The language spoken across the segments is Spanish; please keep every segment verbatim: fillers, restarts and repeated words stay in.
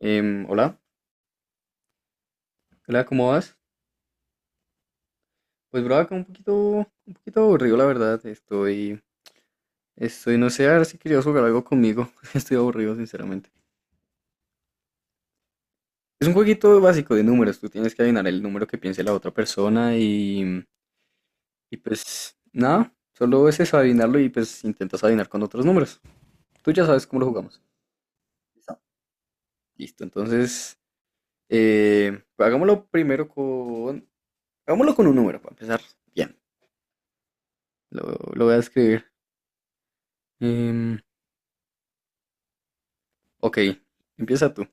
Em, hola, hola, ¿cómo vas? Pues, bro, acá un poquito, un poquito aburrido, la verdad. Estoy, estoy, no sé, a ver si querías jugar algo conmigo. Estoy aburrido, sinceramente. Es un jueguito básico de números. Tú tienes que adivinar el número que piense la otra persona y, y pues nada, solo es eso, adivinarlo y pues intentas adivinar con otros números. Tú ya sabes cómo lo jugamos. Listo, Listo, entonces, eh, hagámoslo primero con, hagámoslo con un número para empezar. Bien, lo, lo voy a escribir. Em, Ok, empieza tú.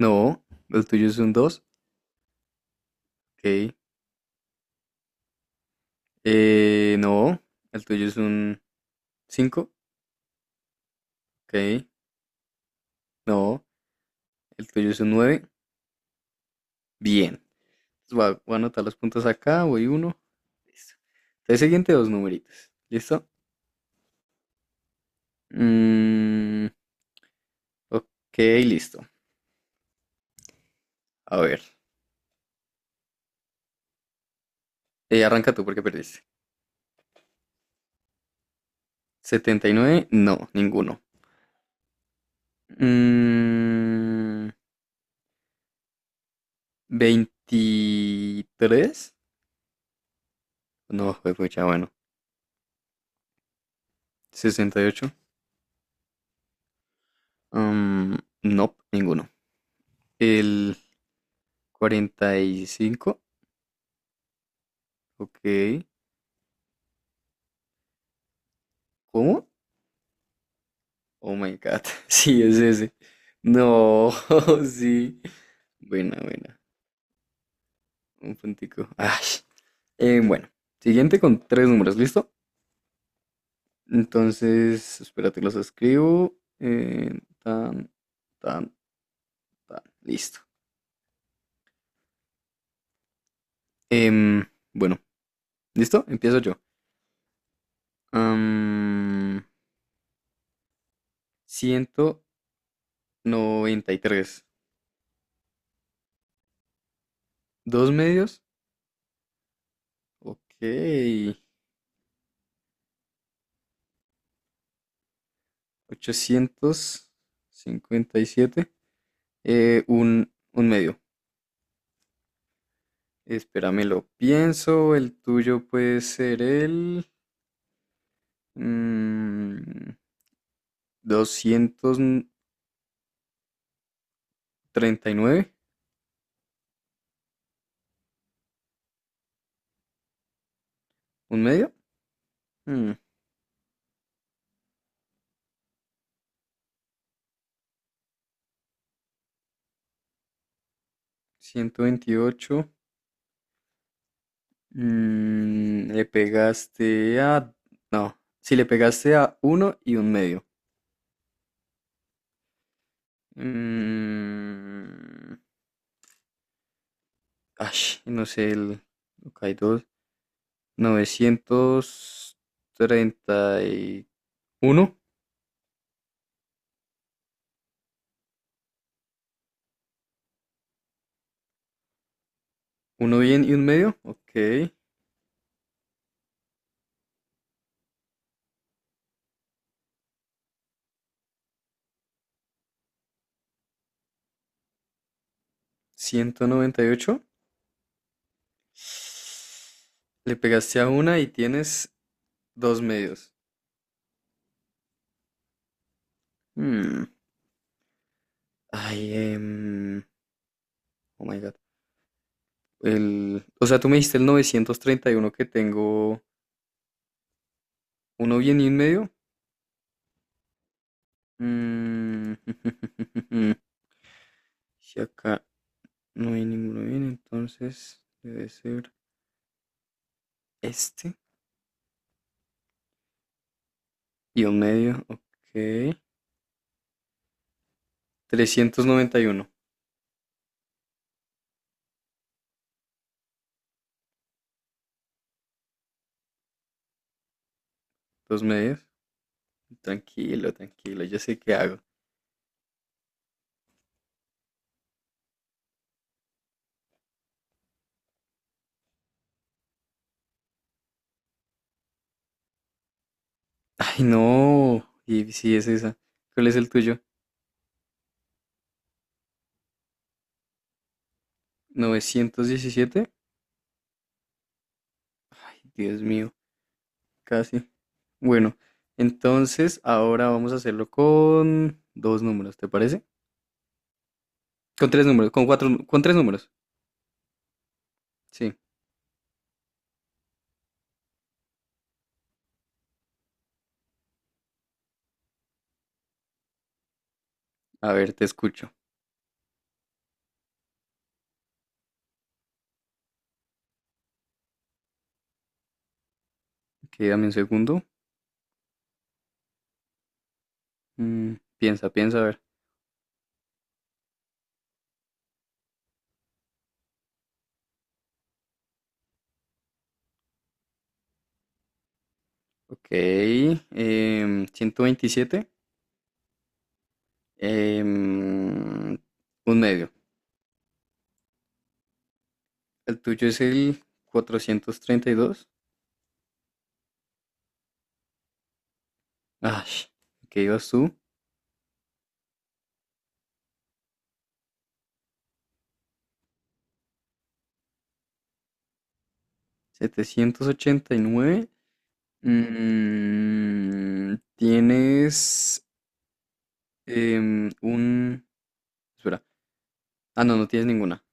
No, el tuyo es un dos. Ok. Eh, no, el tuyo es un cinco. Ok. No, el tuyo es un nueve. Bien. Entonces Voy a, voy a anotar los puntos acá. Voy uno. Listo. Entonces, siguiente dos numeritos. ¿Listo? Mm, ok, listo. A ver. Eh, arranca tú porque perdiste. Setenta y nueve. No, ninguno. Mm, veintitrés. No, fue mucha, bueno. Sesenta y ocho. Um, no, ninguno. El cuarenta y cinco. Ok. ¿Cómo? Oh my God. Sí, es ese. No, sí. Buena, buena. Un puntico. Ay. Eh, bueno, siguiente con tres números, ¿listo? Entonces, espérate, los escribo. Eh, tan, tan, tan. Listo. Em, bueno, ¿listo? Empiezo yo. Am, Ciento noventa y tres. Dos medios. Ok. ochocientos cincuenta y siete. Eh, un, un medio. Espérame, lo pienso. El tuyo puede ser el mm, doscientos treinta y nueve. ¿Un medio? Mm, Ciento veintiocho. Mm, le pegaste a... No, si le pegaste a uno y un medio. Mm, Ay, no sé, el... Ok, dos. Novecientos treinta y uno. Uno bien y un medio. Ok. Ciento noventa y ocho. Le pegaste a una y tienes dos medios. Hmm, Ay, em, oh my God. El, o sea, tú me dijiste el novecientos treinta y uno que tengo uno bien y un medio. Mm, Si acá no hay ninguno bien, entonces debe ser este y un medio. Ok. Trescientos noventa y uno. Dos medios. Tranquilo, tranquilo, yo sé qué hago. Ay, no. Y sí, es esa. ¿Cuál es el tuyo? Novecientos diecisiete. Ay, Dios mío, casi. Bueno, entonces ahora vamos a hacerlo con dos números, ¿te parece? Con tres números, con cuatro, nu- con tres números. Sí. A ver, te escucho. Ok, dame un segundo. Mm, Piensa, piensa, a ver. Ok, em, ciento veintisiete, em, un medio. El tuyo es el cuatrocientos treinta y dos. Ah, ¿qué ibas tú? setecientos ochenta y nueve. Mm, tienes em, un... Espera. Ah, no, no tienes ninguna.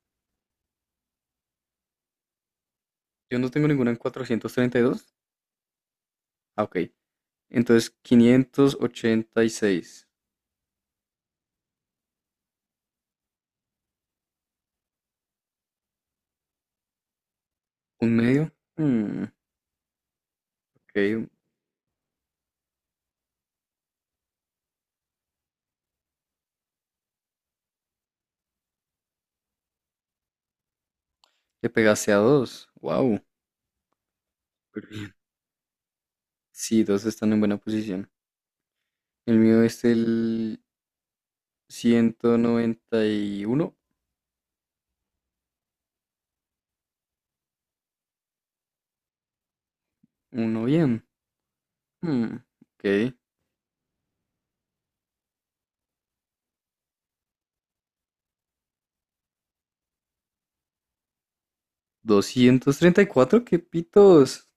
Yo no tengo ninguna en cuatrocientos treinta y dos. Ah, ok. Entonces, quinientos ochenta y seis. ¿Un medio? Mm, ok. Le pegaste a dos. Wow. Sí, dos están en buena posición. El mío es el ciento noventa y uno. Uno bien. Hmm, ok. doscientos treinta y cuatro, qué pitos.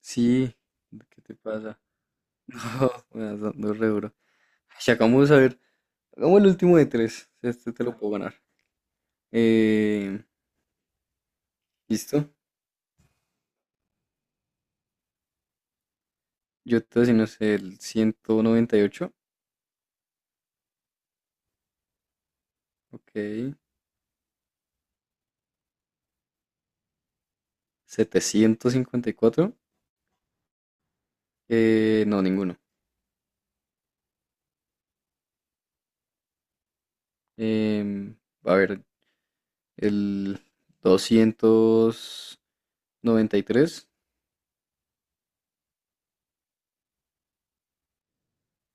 Sí, ¿qué te pasa? No, me vas dando re duro. Ay, ya vamos a ver. Hagamos el último de tres. Este te lo puedo ganar. Eh, ¿Listo? Yo te voy a decir, no sé, el ciento noventa y ocho. Ok. setecientos cincuenta y cuatro. Eh, no, ninguno. Em, a ver, el doscientos noventa y tres.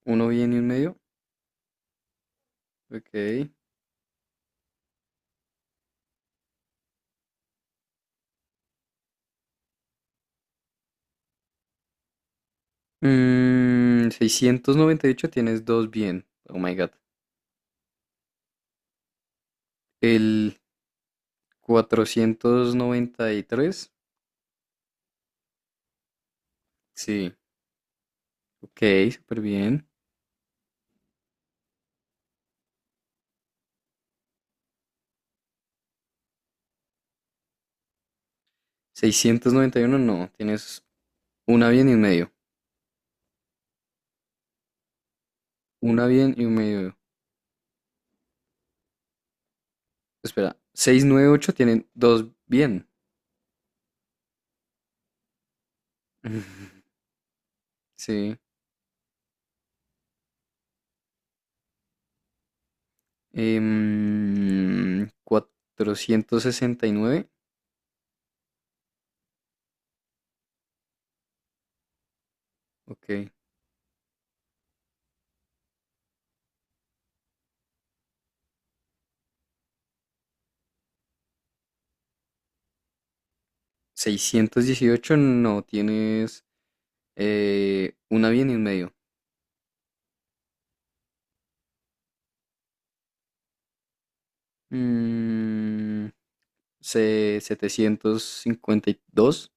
Uno bien y un medio. Ok. Mm, seiscientos noventa y ocho tienes dos bien. Oh my God. El cuatrocientos noventa y tres. Sí. Ok, súper bien. seiscientos noventa y uno no. Tienes una bien y un medio. Una bien y un medio. Espera. seiscientos noventa y ocho tienen dos bien. Sí. Em, cuatrocientos sesenta y nueve. Ok. seiscientos dieciocho no. Tienes eh, una bien y un medio. Mm, Se- setecientos cincuenta y dos.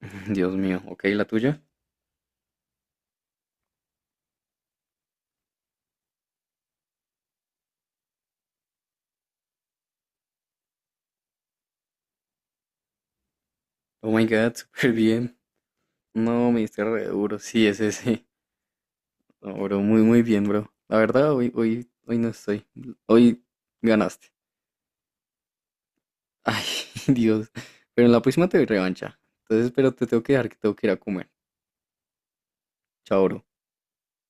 Dios mío, ok, la tuya. Oh my god, súper bien. No, me diste re duro. Sí, es ese. No, bro, muy, muy bien, bro. La verdad, hoy, hoy, hoy no estoy. Hoy ganaste. Ay, Dios. Pero en la próxima te doy revancha. Entonces, pero te tengo que dejar que tengo que ir a comer. Chao, bro.